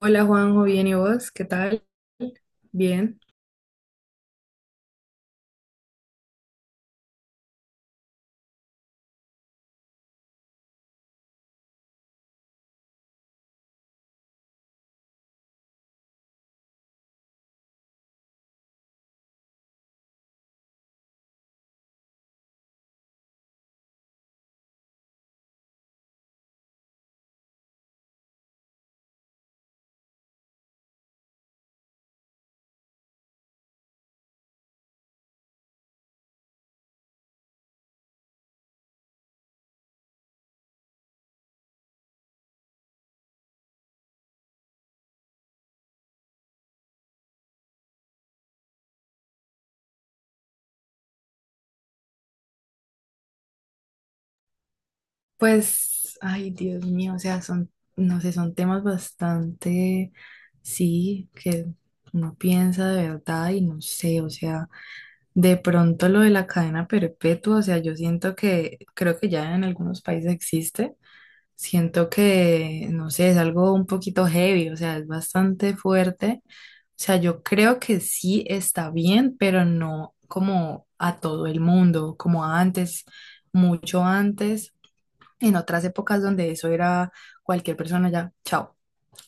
Hola Juanjo, bien y vos, ¿qué tal? Bien. Pues, ay Dios mío, o sea, son, no sé, son temas bastante, sí, que uno piensa de verdad y no sé, o sea, de pronto lo de la cadena perpetua, o sea, yo siento que creo que ya en algunos países existe. Siento que, no sé, es algo un poquito heavy, o sea, es bastante fuerte. O sea, yo creo que sí está bien, pero no como a todo el mundo, como antes, mucho antes. En otras épocas donde eso era cualquier persona ya, chao,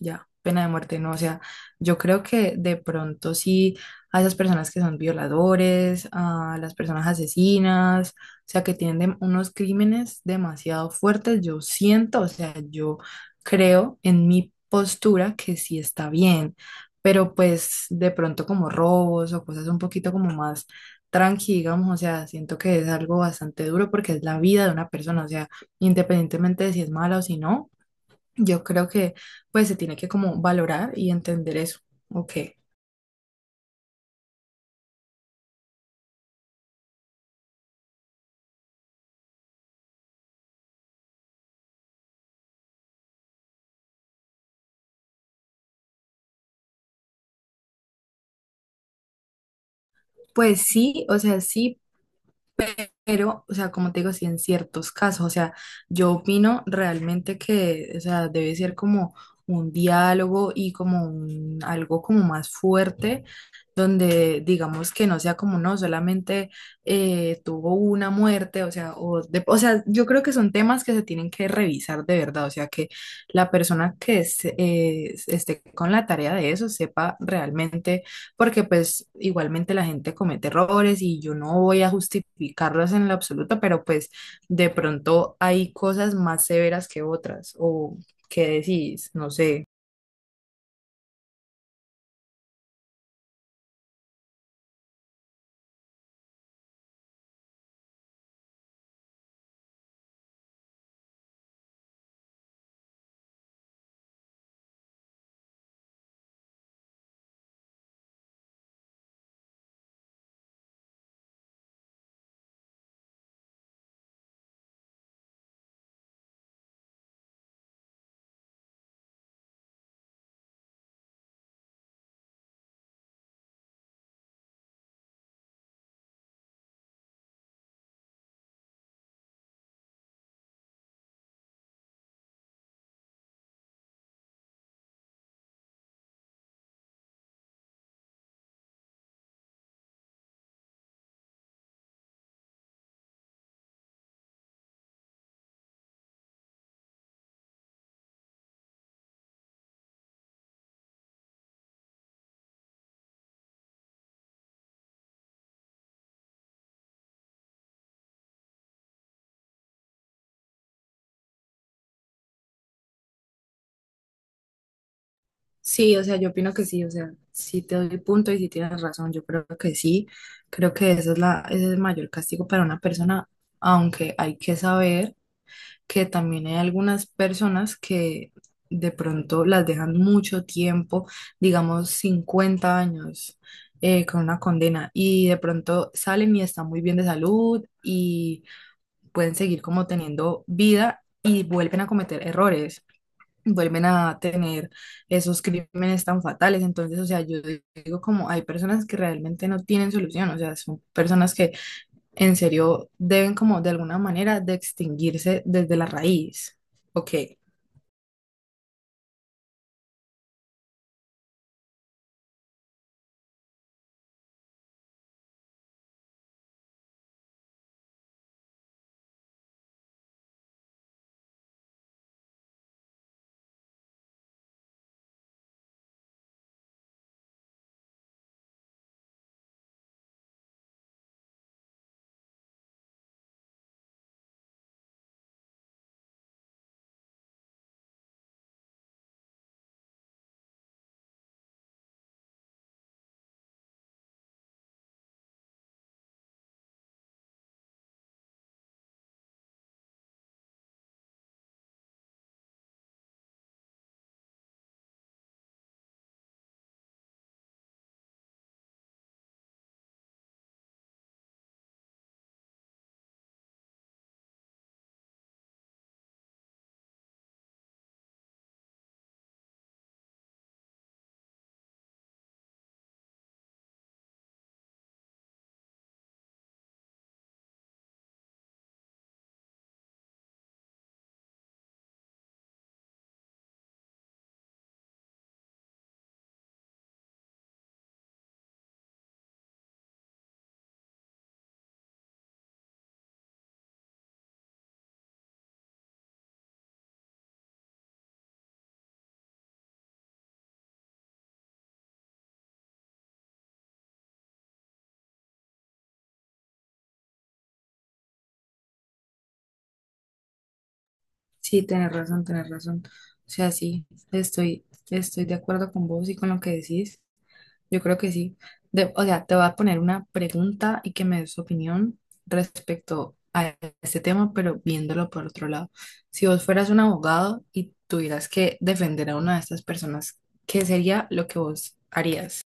ya, pena de muerte, ¿no? O sea, yo creo que de pronto sí a esas personas que son violadores, a las personas asesinas, o sea, que tienen unos crímenes demasiado fuertes, yo siento, o sea, yo creo en mi postura que sí está bien, pero pues de pronto como robos o cosas un poquito como más tranqui, digamos, o sea, siento que es algo bastante duro porque es la vida de una persona, o sea, independientemente de si es mala o si no, yo creo que pues se tiene que como valorar y entender eso. Ok. Pues sí, o sea, sí, pero, o sea, como te digo, sí, en ciertos casos, o sea, yo opino realmente que, o sea, debe ser como un diálogo y como algo como más fuerte, donde digamos que no sea como, no, solamente tuvo una muerte, o sea, o, o sea, yo creo que son temas que se tienen que revisar de verdad, o sea, que la persona que esté con la tarea de eso sepa realmente porque pues igualmente la gente comete errores y yo no voy a justificarlos en lo absoluto, pero pues de pronto hay cosas más severas que otras, o qué decís, no sé. Sí, o sea, yo opino que sí, o sea, sí te doy punto y sí tienes razón, yo creo que sí, creo que esa ese es el mayor castigo para una persona, aunque hay que saber que también hay algunas personas que de pronto las dejan mucho tiempo, digamos 50 años, con una condena y de pronto salen y están muy bien de salud y pueden seguir como teniendo vida y vuelven a cometer errores, vuelven a tener esos crímenes tan fatales. Entonces, o sea, yo digo como hay personas que realmente no tienen solución, o sea, son personas que en serio deben como de alguna manera de extinguirse desde la raíz. Ok, sí, tenés razón, tenés razón. O sea, sí, estoy de acuerdo con vos y con lo que decís. Yo creo que sí. O sea, te voy a poner una pregunta y que me des tu opinión respecto a este tema, pero viéndolo por otro lado. Si vos fueras un abogado y tuvieras que defender a una de estas personas, ¿qué sería lo que vos harías?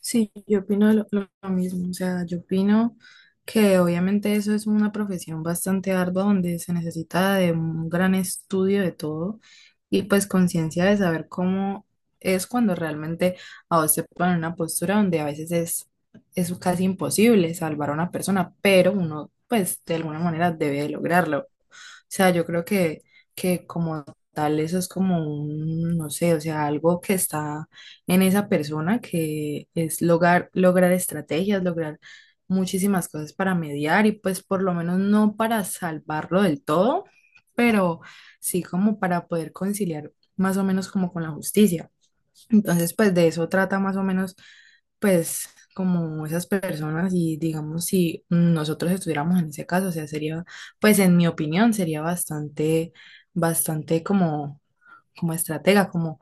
Sí, yo opino lo mismo, o sea, yo opino que obviamente eso es una profesión bastante ardua donde se necesita de un gran estudio de todo y pues conciencia de saber cómo es cuando realmente a vos te ponen en una postura donde a veces es casi imposible salvar a una persona, pero uno pues de alguna manera debe lograrlo, sea, yo creo que como tal eso es como un, no sé, o sea, algo que está en esa persona que es lograr, lograr estrategias, lograr muchísimas cosas para mediar y pues por lo menos no para salvarlo del todo, pero sí como para poder conciliar más o menos como con la justicia. Entonces, pues de eso trata más o menos, pues como esas personas y digamos si nosotros estuviéramos en ese caso, o sea, sería, pues en mi opinión, sería bastante, bastante como, como estratega, como,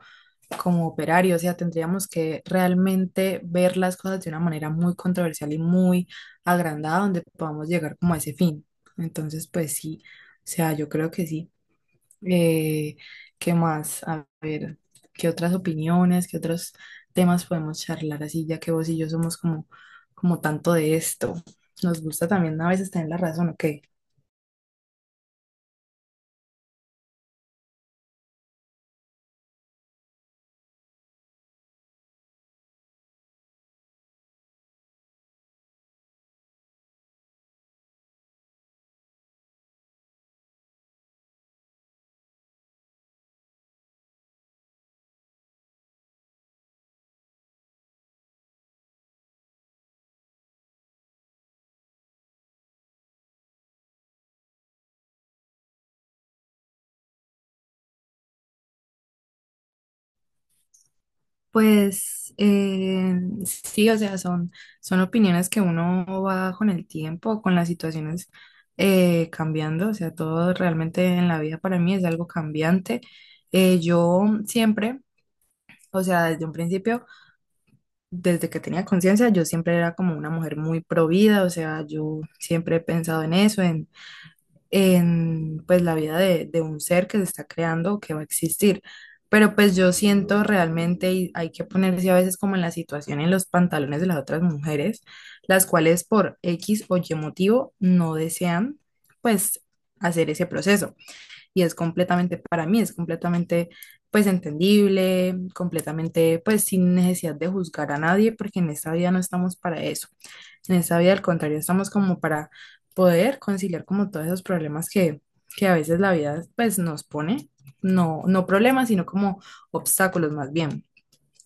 como operario, o sea, tendríamos que realmente ver las cosas de una manera muy controversial y muy agrandada donde podamos llegar como a ese fin. Entonces, pues sí, o sea, yo creo que sí. Eh, ¿Qué más? A ver, ¿qué otras opiniones, qué otros temas podemos charlar así, ya que vos y yo somos como, como tanto de esto? Nos gusta también a veces tener la razón, ¿ok? Pues sí, o sea, son, son opiniones que uno va con el tiempo, con las situaciones cambiando, o sea, todo realmente en la vida para mí es algo cambiante. Yo siempre, o sea, desde un principio, desde que tenía conciencia, yo siempre era como una mujer muy pro vida, o sea, yo siempre he pensado en eso, en pues la vida de un ser que se está creando, que va a existir. Pero pues yo siento realmente, y hay que ponerse a veces como en la situación, en los pantalones de las otras mujeres, las cuales por X o Y motivo no desean pues hacer ese proceso y es completamente para mí, es completamente pues entendible, completamente pues sin necesidad de juzgar a nadie, porque en esta vida no estamos para eso. En esta vida, al contrario, estamos como para poder conciliar como todos esos problemas que a veces la vida pues nos pone, no, no problemas, sino como obstáculos más bien.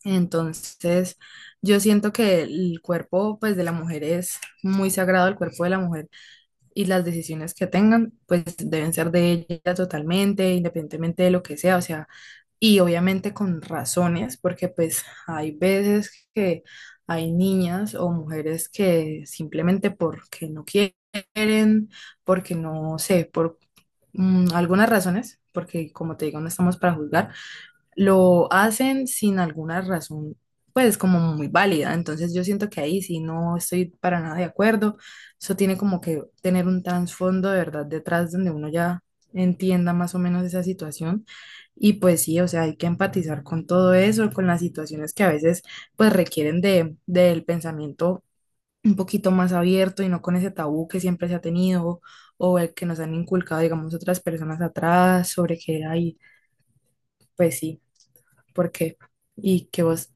Entonces, yo siento que el cuerpo pues de la mujer es muy sagrado, el cuerpo de la mujer y las decisiones que tengan, pues deben ser de ella totalmente, independientemente de lo que sea, o sea, y obviamente con razones, porque pues hay veces que hay niñas o mujeres que simplemente porque no quieren, porque no sé, por algunas razones, porque como te digo, no estamos para juzgar lo hacen sin alguna razón, pues como muy válida. Entonces yo siento que ahí sí no estoy para nada de acuerdo. Eso tiene como que tener un trasfondo de verdad detrás donde uno ya entienda más o menos esa situación. Y pues sí, o sea, hay que empatizar con todo eso, con las situaciones que a veces pues requieren de, del pensamiento un poquito más abierto y no con ese tabú que siempre se ha tenido o el que nos han inculcado, digamos, otras personas atrás sobre que hay, pues sí. ¿Por qué? Y que vos,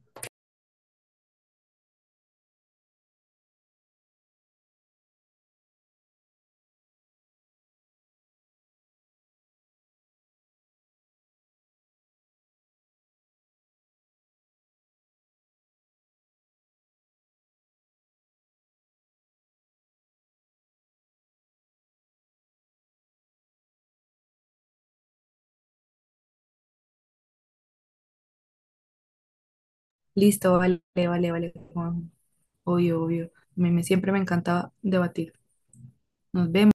listo, vale, vale, vale, Juan, obvio, obvio. A mí me, siempre me encanta debatir. Nos vemos.